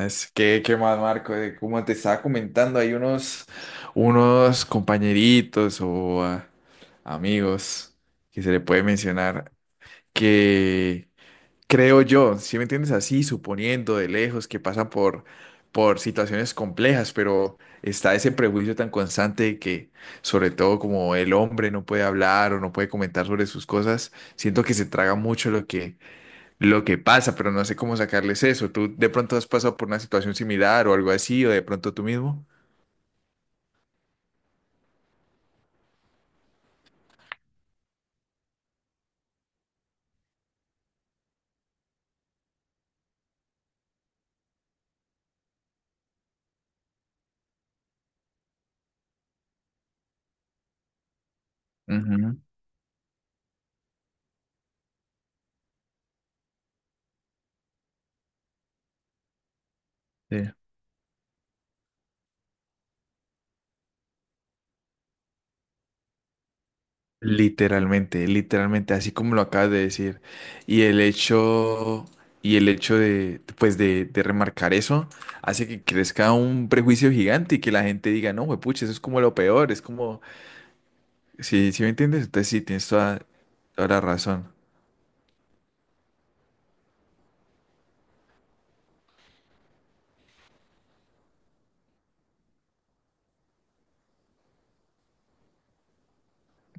Es que, qué más, Marco. Como te estaba comentando, hay unos compañeritos o amigos que se le puede mencionar, que creo yo, si me entiendes, así suponiendo de lejos, que pasan por situaciones complejas, pero está ese prejuicio tan constante de que, sobre todo, como el hombre no puede hablar o no puede comentar sobre sus cosas, siento que se traga mucho lo que pasa, pero no sé cómo sacarles eso. ¿Tú de pronto has pasado por una situación similar o algo así, o de pronto tú mismo? Ujú, sí. Literalmente, literalmente, así como lo acabas de decir. Y el hecho, y el hecho de, de remarcar eso hace que crezca un prejuicio gigante y que la gente diga, no, pucha, eso es como lo peor, es como, sí, sí me entiendes, entonces sí, tienes toda, toda la razón.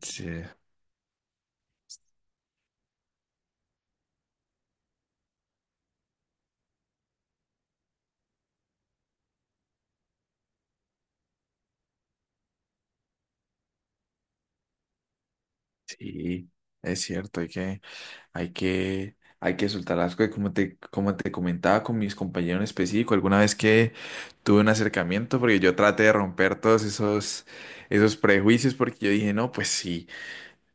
Sí, sí, es cierto, hay que... hay que soltar las cosas, como te comentaba con mis compañeros en específico, alguna vez que tuve un acercamiento, porque yo traté de romper esos prejuicios, porque yo dije, no, pues sí,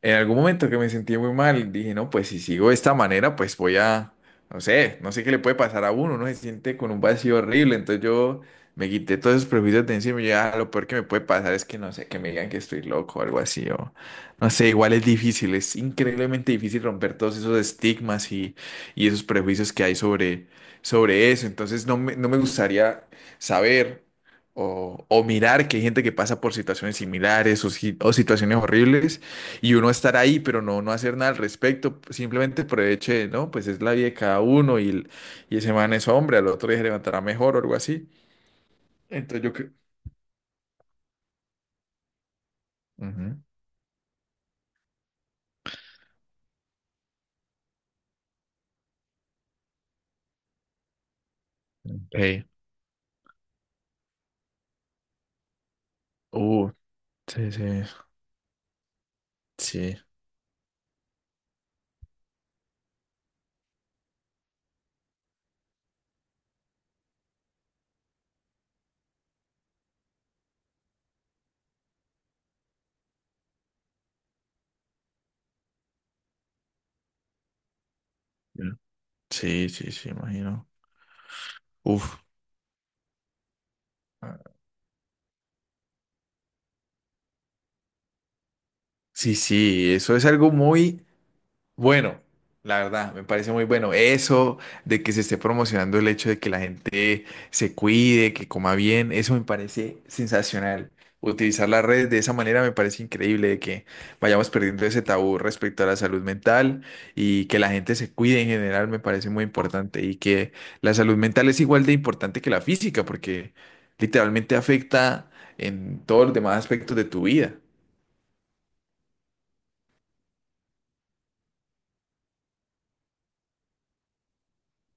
en algún momento que me sentí muy mal, dije, no, pues si sigo de esta manera, pues voy a, no sé, no sé qué le puede pasar a uno, uno se siente con un vacío horrible. Entonces yo me quité todos esos prejuicios de encima y ya lo peor que me puede pasar es que, no sé, que me digan que estoy loco o algo así, o no sé, igual es difícil, es increíblemente difícil romper todos esos estigmas y esos prejuicios que hay sobre eso. Entonces no me, no me gustaría saber. O mirar que hay gente que pasa por situaciones similares o o situaciones horribles y uno estar ahí, pero no, no hacer nada al respecto, simplemente por el hecho de, no, pues es la vida de cada uno y y ese man es hombre, al otro día se levantará mejor o algo así. Entonces yo creo... Ujú. Ey, uh, sí, sí, sí, sí, sí, sí, imagino. Uf, ah, sí, sí, eso es algo muy... Bueno, la verdad, me parece muy bueno eso de que se esté promocionando el hecho de que la gente se cuide, que coma bien. Eso me parece sensacional. Utilizar las redes de esa manera me parece increíble, de que vayamos perdiendo ese tabú respecto a la salud mental y que la gente se cuide en general me parece muy importante, y que la salud mental es igual de importante que la física porque literalmente afecta en todos los demás aspectos de tu vida.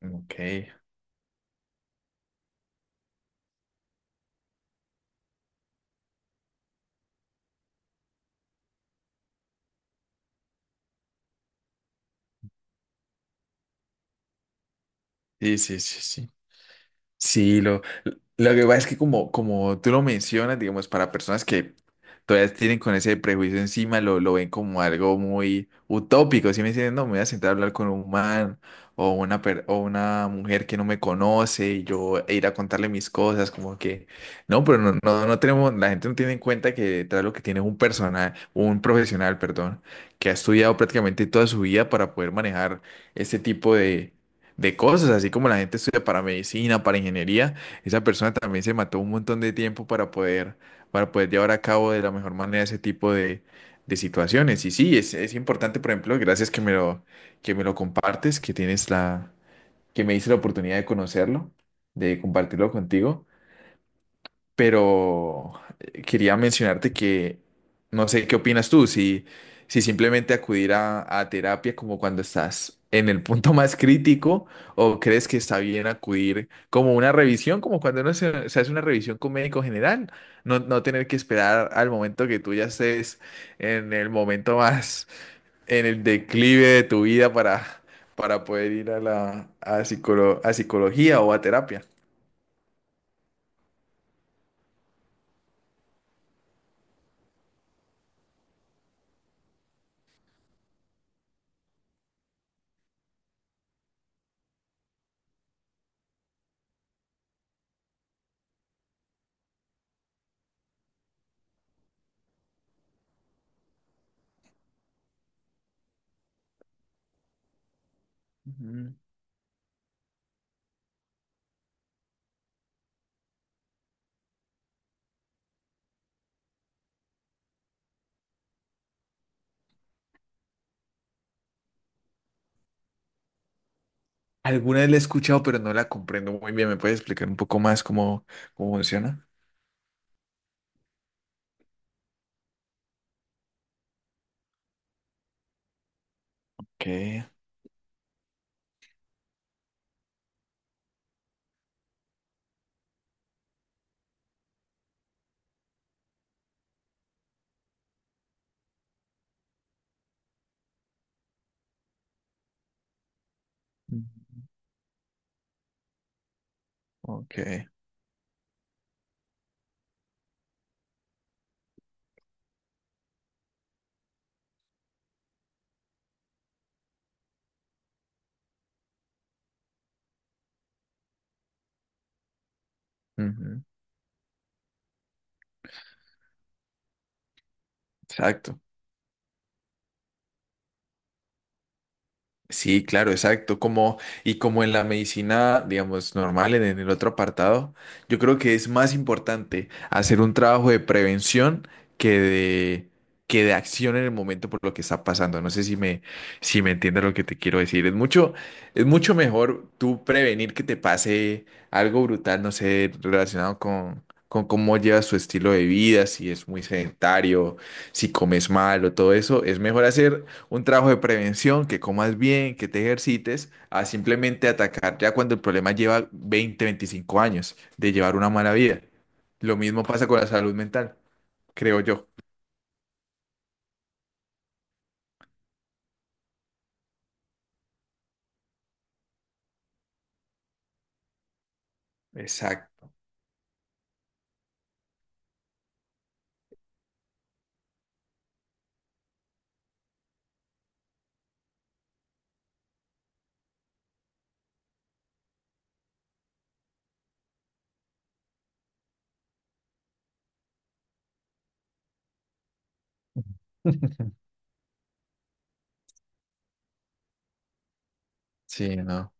Ok, sí, sí, sí, sí. Sí, lo que pasa es que, como tú lo mencionas, digamos, para personas que todavía tienen con ese prejuicio encima, lo ven como algo muy utópico. Si me dicen, no, me voy a sentar a hablar con un man o una mujer que no me conoce y yo e ir a contarle mis cosas, como que, no, pero no, no, no tenemos, la gente no tiene en cuenta que detrás lo que tiene es un personal, un profesional, perdón, que ha estudiado prácticamente toda su vida para poder manejar este tipo de cosas. Así como la gente estudia para medicina, para ingeniería, esa persona también se mató un montón de tiempo para poder llevar a cabo de la mejor manera ese tipo de situaciones. Y sí, es importante. Por ejemplo, gracias que me lo compartes, que tienes la, que me diste la oportunidad de conocerlo, de compartirlo contigo. Pero quería mencionarte que no sé qué opinas tú, si, si simplemente acudir a terapia como cuando estás en el punto más crítico, o crees que está bien acudir como una revisión, como cuando uno se, se hace una revisión con médico general. No, no tener que esperar al momento que tú ya estés en el momento más, en el declive de tu vida para poder ir a la a psicología o a terapia. Ujú. Alguna vez la he escuchado, pero no la comprendo muy bien. ¿Me puedes explicar un poco más cómo, cómo funciona? Ok. Mm. Ok, ujú. Exacto. Sí, claro, exacto. Como, y como en la medicina, digamos, normal, en el otro apartado, yo creo que es más importante hacer un trabajo de prevención que de, que de acción en el momento por lo que está pasando. No sé si me, si me entiendes lo que te quiero decir. Es mucho mejor tú prevenir que te pase algo brutal, no sé, relacionado con cómo llevas tu estilo de vida, si es muy sedentario, si comes mal o todo eso. Es mejor hacer un trabajo de prevención, que comas bien, que te ejercites, a simplemente atacar ya cuando el problema lleva 20 25 años de llevar una mala vida. Lo mismo pasa con la salud mental, creo yo. Exacto. Sí, no.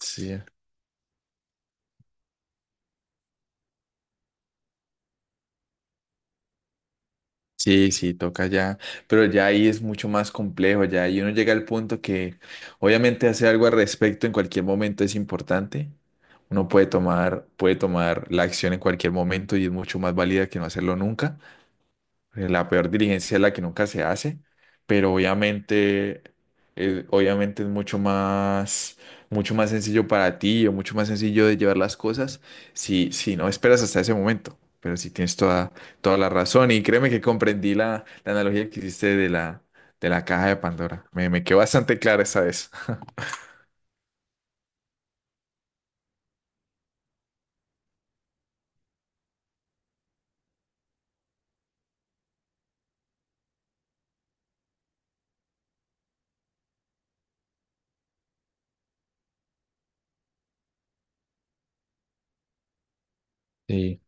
Sí. Sí, sí, toca ya. Pero ya ahí es mucho más complejo, ya ahí uno llega al punto que obviamente hacer algo al respecto en cualquier momento es importante. Uno puede tomar la acción en cualquier momento y es mucho más válida que no hacerlo nunca. La peor diligencia es la que nunca se hace, pero obviamente, obviamente es mucho más sencillo para ti o mucho más sencillo de llevar las cosas si, si no esperas hasta ese momento. Pero si tienes toda, toda la razón, y créeme que comprendí la analogía que hiciste de la caja de Pandora. Me quedó bastante clara esa vez. Sí.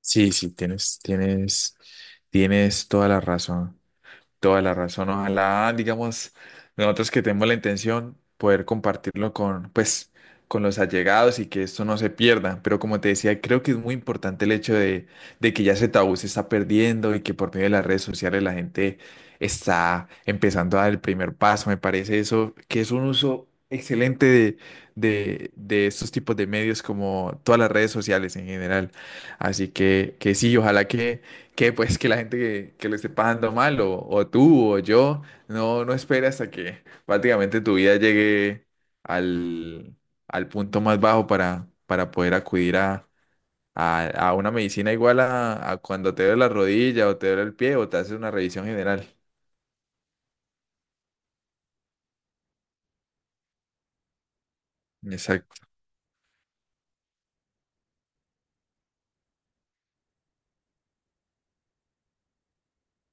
Sí, sí, tienes, tienes, tienes toda la razón. Toda la razón. Ojalá, digamos, nosotros que tenemos la intención, poder compartirlo con, pues, con los allegados, y que esto no se pierda. Pero como te decía, creo que es muy importante el hecho de que ya ese tabú se está perdiendo y que por medio de las redes sociales la gente está empezando a dar el primer paso. Me parece eso, que es un uso excelente de, de estos tipos de medios, como todas las redes sociales en general. Así que sí, ojalá que pues que la gente que lo esté pasando mal, o tú o yo, no, no espera hasta que prácticamente tu vida llegue al, al punto más bajo para poder acudir a una medicina, igual a cuando te duele la rodilla o te duele el pie o te haces una revisión general.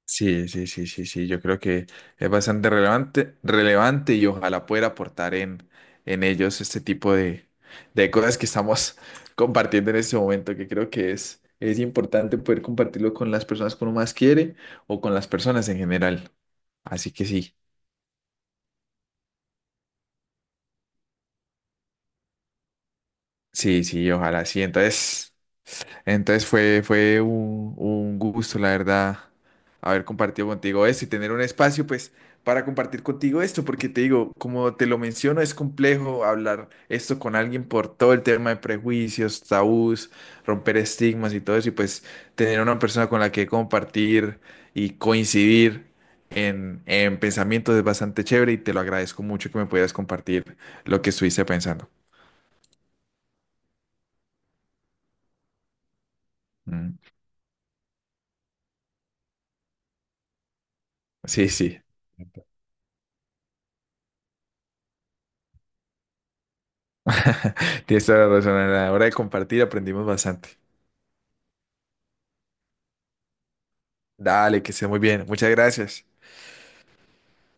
Sí, sí, sí, sí, sí, yo creo que es bastante relevante, relevante, y ojalá pueda aportar en ellos este tipo de cosas que estamos compartiendo en este momento, que creo que es importante poder compartirlo con las personas que uno más quiere o con las personas en general. Así que sí, sí, sí, ojalá sí. Entonces... fue un gusto, la verdad, haber compartido contigo esto y tener un espacio, pues, para compartir contigo esto, porque te digo, como te lo menciono, es complejo hablar esto con alguien por todo el tema de prejuicios, tabús, romper estigmas y todo eso, y pues tener una persona con la que compartir y coincidir en pensamientos es bastante chévere, y te lo agradezco mucho que me pudieras compartir lo que estuviste pensando. Mm. Sí, sí. Tienes toda la razón. A la hora de compartir aprendimos bastante. Dale, que esté muy bien. Muchas gracias.